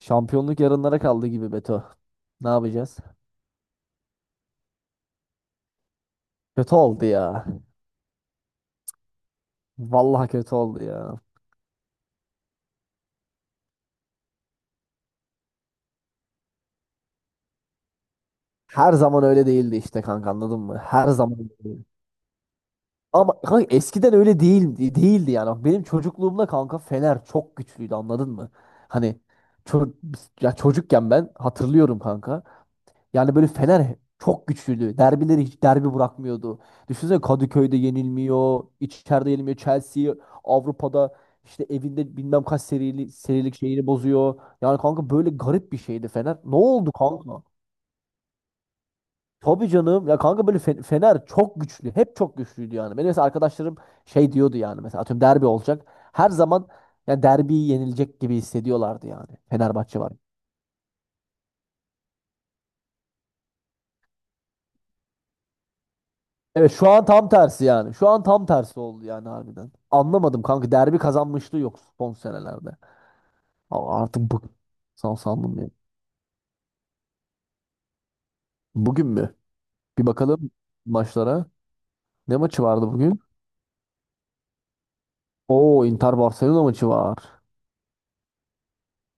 Şampiyonluk yarınlara kaldı gibi Beto. Ne yapacağız? Kötü oldu ya. Vallahi kötü oldu ya. Her zaman öyle değildi işte kanka anladın mı? Her zaman öyle değildi. Ama kanka eskiden öyle değil, değildi yani. Bak, benim çocukluğumda kanka Fener çok güçlüydü, anladın mı? Hani ço- ya çocukken ben hatırlıyorum kanka. Yani böyle Fener çok güçlüydü. Derbileri hiç derbi bırakmıyordu. Düşünsene, Kadıköy'de yenilmiyor, içeride yenilmiyor. Chelsea Avrupa'da işte evinde bilmem kaç serili, serilik şeyini bozuyor. Yani kanka böyle garip bir şeydi Fener. Ne oldu kanka? Tabii canım. Ya kanka böyle Fener çok güçlü. Hep çok güçlüydü yani. Benim mesela arkadaşlarım şey diyordu yani, mesela atıyorum derbi olacak. Her zaman yani derbiyi yenilecek gibi hissediyorlardı yani, Fenerbahçe var. Evet, şu an tam tersi yani. Şu an tam tersi oldu yani, harbiden. Anlamadım kanka, derbi kazanmışlığı yok son senelerde. Ama artık bu sandım ya. Bugün mü? Bir bakalım maçlara. Ne maçı vardı bugün? Oo, Inter Barcelona maçı var.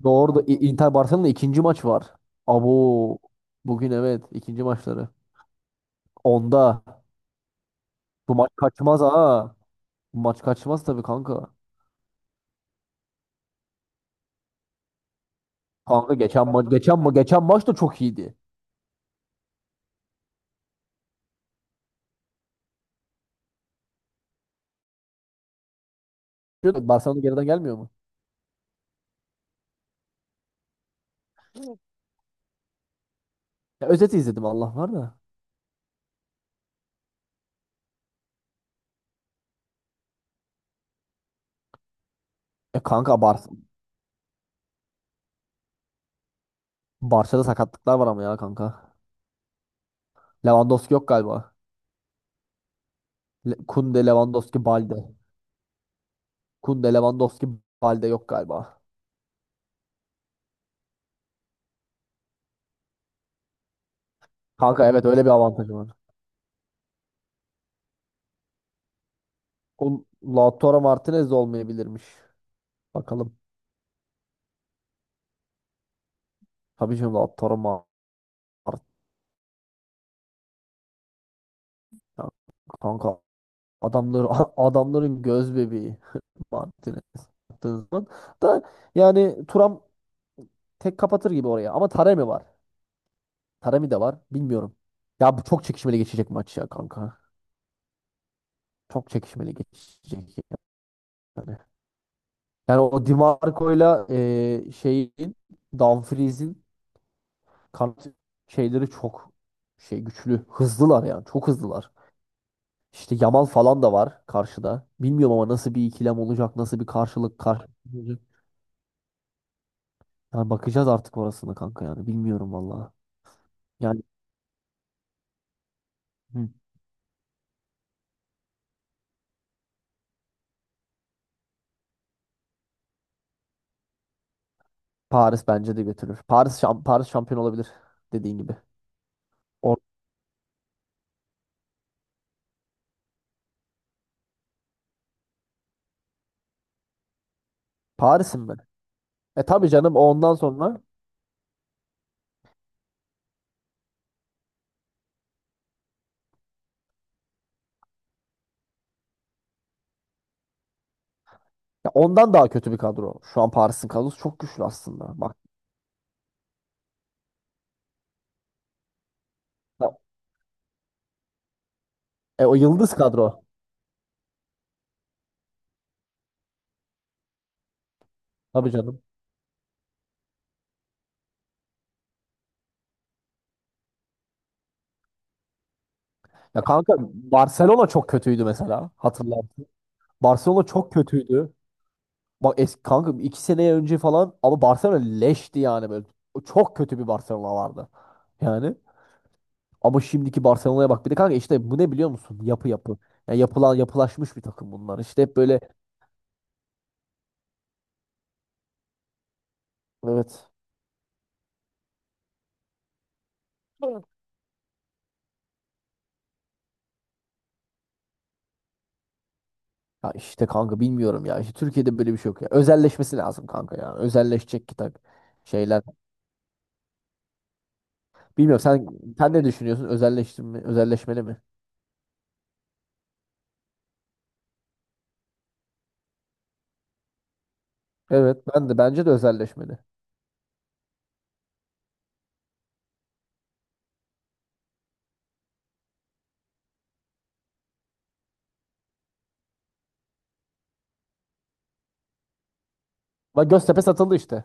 Doğru da Inter Barcelona ikinci maç var. Abo, bugün evet, ikinci maçları. Onda bu maç kaçmaz ha. Bu maç kaçmaz tabii kanka. Kanka geçen maç geçen maç da çok iyiydi. Şu- Barcelona geriden gelmiyor mu? Ya özeti izledim Allah var da. E kanka Bar Barça'da sakatlıklar var ama ya kanka. Lewandowski yok galiba. Le Kunde, Lewandowski, Balde. Kunde, Lewandowski, Balde yok galiba. Kanka evet, öyle bir avantajı var. O Lautaro Martinez de olmayabilirmiş. Bakalım. Tabii canım, Lautaro Martinez. Kanka adamları adamların göz bebeği Martinez. Baktığın zaman da yani Turam tek kapatır gibi oraya. Ama Taremi var. Taremi de var. Bilmiyorum. Ya bu çok çekişmeli geçecek maç ya kanka. Çok çekişmeli geçecek yani. Yani o DiMarco'yla şeyin Dumfries'in kanat şeyleri çok şey güçlü. Hızlılar yani. Çok hızlılar. İşte Yamal falan da var karşıda. Bilmiyorum ama nasıl bir ikilem olacak, nasıl bir karşılık olacak. Yani bakacağız artık orasını kanka yani. Bilmiyorum vallahi. Yani hı, Paris bence de götürür. Paris şampiyon olabilir dediğin gibi. Or Paris'in mi? E tabii canım, ondan sonra ya ondan daha kötü bir kadro. Şu an Paris'in kadrosu çok güçlü aslında. Bak ya- o yıldız kadro. Tabii canım. Ya kanka Barcelona çok kötüydü mesela. Hatırlarsın. Barcelona çok kötüydü. Bak eski kanka, iki sene önce falan ama Barcelona leşti yani böyle. O çok kötü bir Barcelona vardı. Yani ama şimdiki Barcelona'ya bak. Bir de kanka işte bu ne biliyor musun? Yapı yapı. Ya yapılan, yapılaşmış bir takım bunlar. İşte hep böyle evet. Ya işte kanka bilmiyorum ya. İşte Türkiye'de böyle bir şey yok ya. Özelleşmesi lazım kanka ya. Özelleşecek ki tak şeyler. Bilmiyorum sen ne düşünüyorsun? Özelleştirme, özelleşmeli mi? Evet, ben de, bence de özelleşmeli. Bak Göztepe satıldı işte.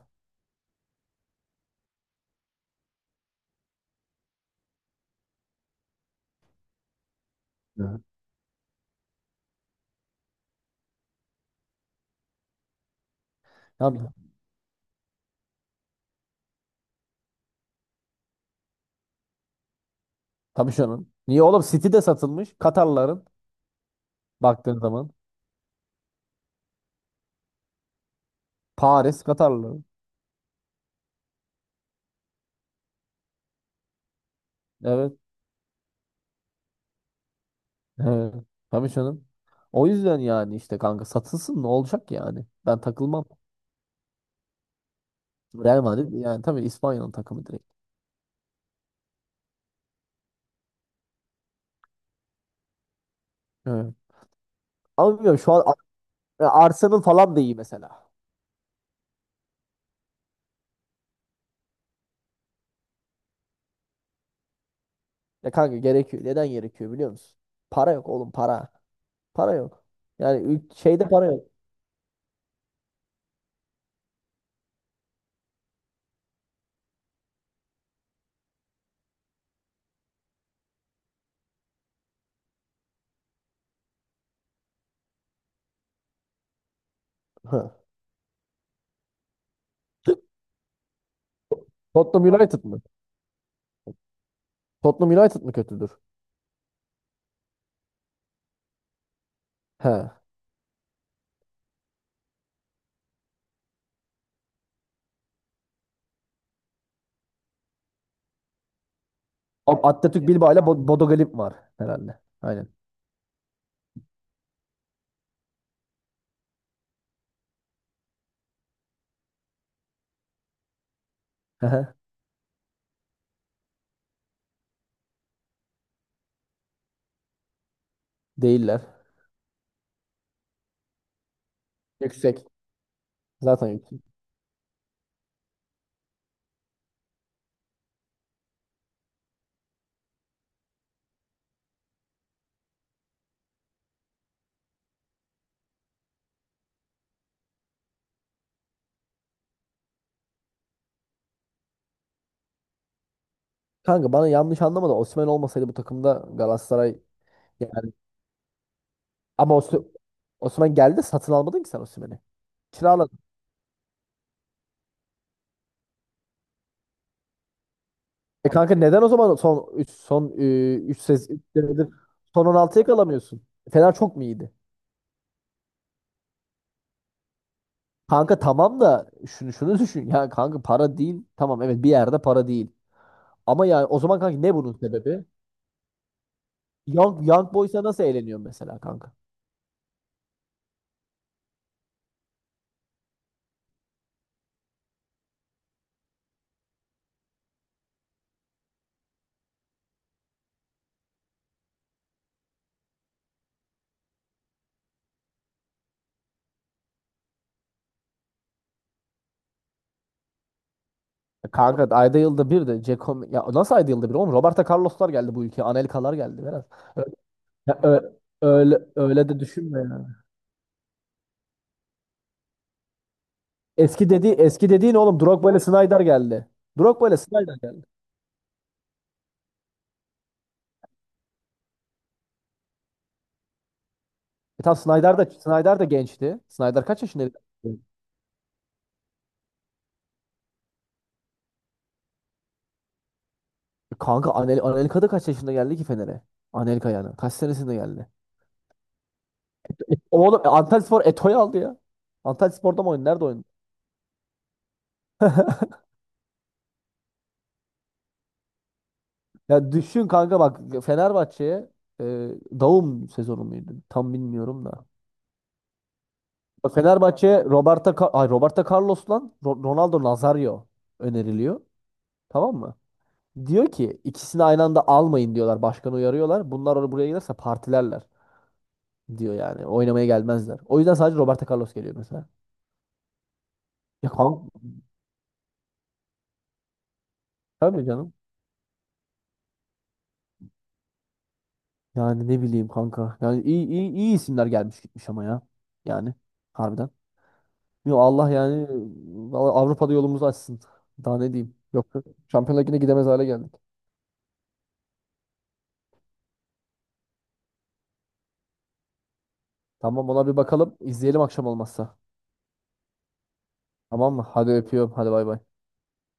Evet. Tabii. Tabii canım. Niye oğlum? City de satılmış. Katarların baktığın zaman. Paris Katarlı. Evet. Evet. Tabii canım. O yüzden yani işte kanka satılsın, ne olacak yani? Ben takılmam. Real Madrid yani tabii İspanya'nın takımı direkt. Evet. Ama bilmiyorum şu an. E, Arsenal falan da iyi mesela. Ya kanka gerekiyor. Neden gerekiyor biliyor musun? Para yok oğlum, para. Para yok. Yani ül- şeyde para yok. Hı. Tottenham United mı? Tottenham United mı kötüdür? He. Athletic Bilbao ile Bodo Glimt var herhalde. Aynen. Hı hı. Değiller. Yüksek. Zaten yüksek. Kanka bana yanlış anlama da, Osimhen olmasaydı bu takımda Galatasaray yani, ama Osimhen geldi, satın almadın ki sen Osimhen'i. E kanka neden o zaman son 3 son 3 sez üç senedir son 16'ya kalamıyorsun? Fener çok mu iyiydi? Kanka tamam da şunu düşün ya kanka, para değil. Tamam, evet, bir yerde para değil. Ama yani o zaman kanka ne bunun sebebi? Young, Young Boys'a nasıl eğleniyor mesela kanka? Ya kanka ayda yılda bir de Ceko, ya nasıl ayda yılda bir oğlum, Roberto Carlos'lar geldi bu ülkeye. Anelka'lar geldi biraz. Ö- ya ö- Öyle öyle de düşünme ya. Eski dedi, eski dediğin oğlum Drogba ile Snyder geldi. Drogba ile Snyder geldi. E tam Snyder da gençti. Snyder kaç yaşında? Kanka Anelka da kaç yaşında geldi ki Fener'e? Anelka yani. Kaç senesinde geldi? E, oğlum, e, Antalyaspor Eto'yu aldı ya. Antalyaspor'da mı oynadı? Nerede oynadı? Ya düşün kanka, bak, Fenerbahçe'ye e, Daum sezonu muydu? Tam bilmiyorum da. Bak, Fenerbahçe'ye Roberto Carlos lan Ronaldo Nazario öneriliyor. Tamam mı? Diyor ki ikisini aynı anda almayın diyorlar. Başkanı uyarıyorlar. Bunlar oraya buraya gelirse partilerler, diyor yani. Oynamaya gelmezler. O yüzden sadece Roberto Carlos geliyor mesela. Ya kanka tabii canım. Yani ne bileyim kanka. Yani iyi isimler gelmiş gitmiş ama ya. Yani harbiden. Yo, Allah yani vallahi Avrupa'da yolumuzu açsın. Daha ne diyeyim. Yoksa Şampiyonlar Ligi'ne gidemez hale geldik. Tamam, ona bir bakalım. İzleyelim akşam olmazsa. Tamam mı? Hadi öpüyorum. Hadi bay bay.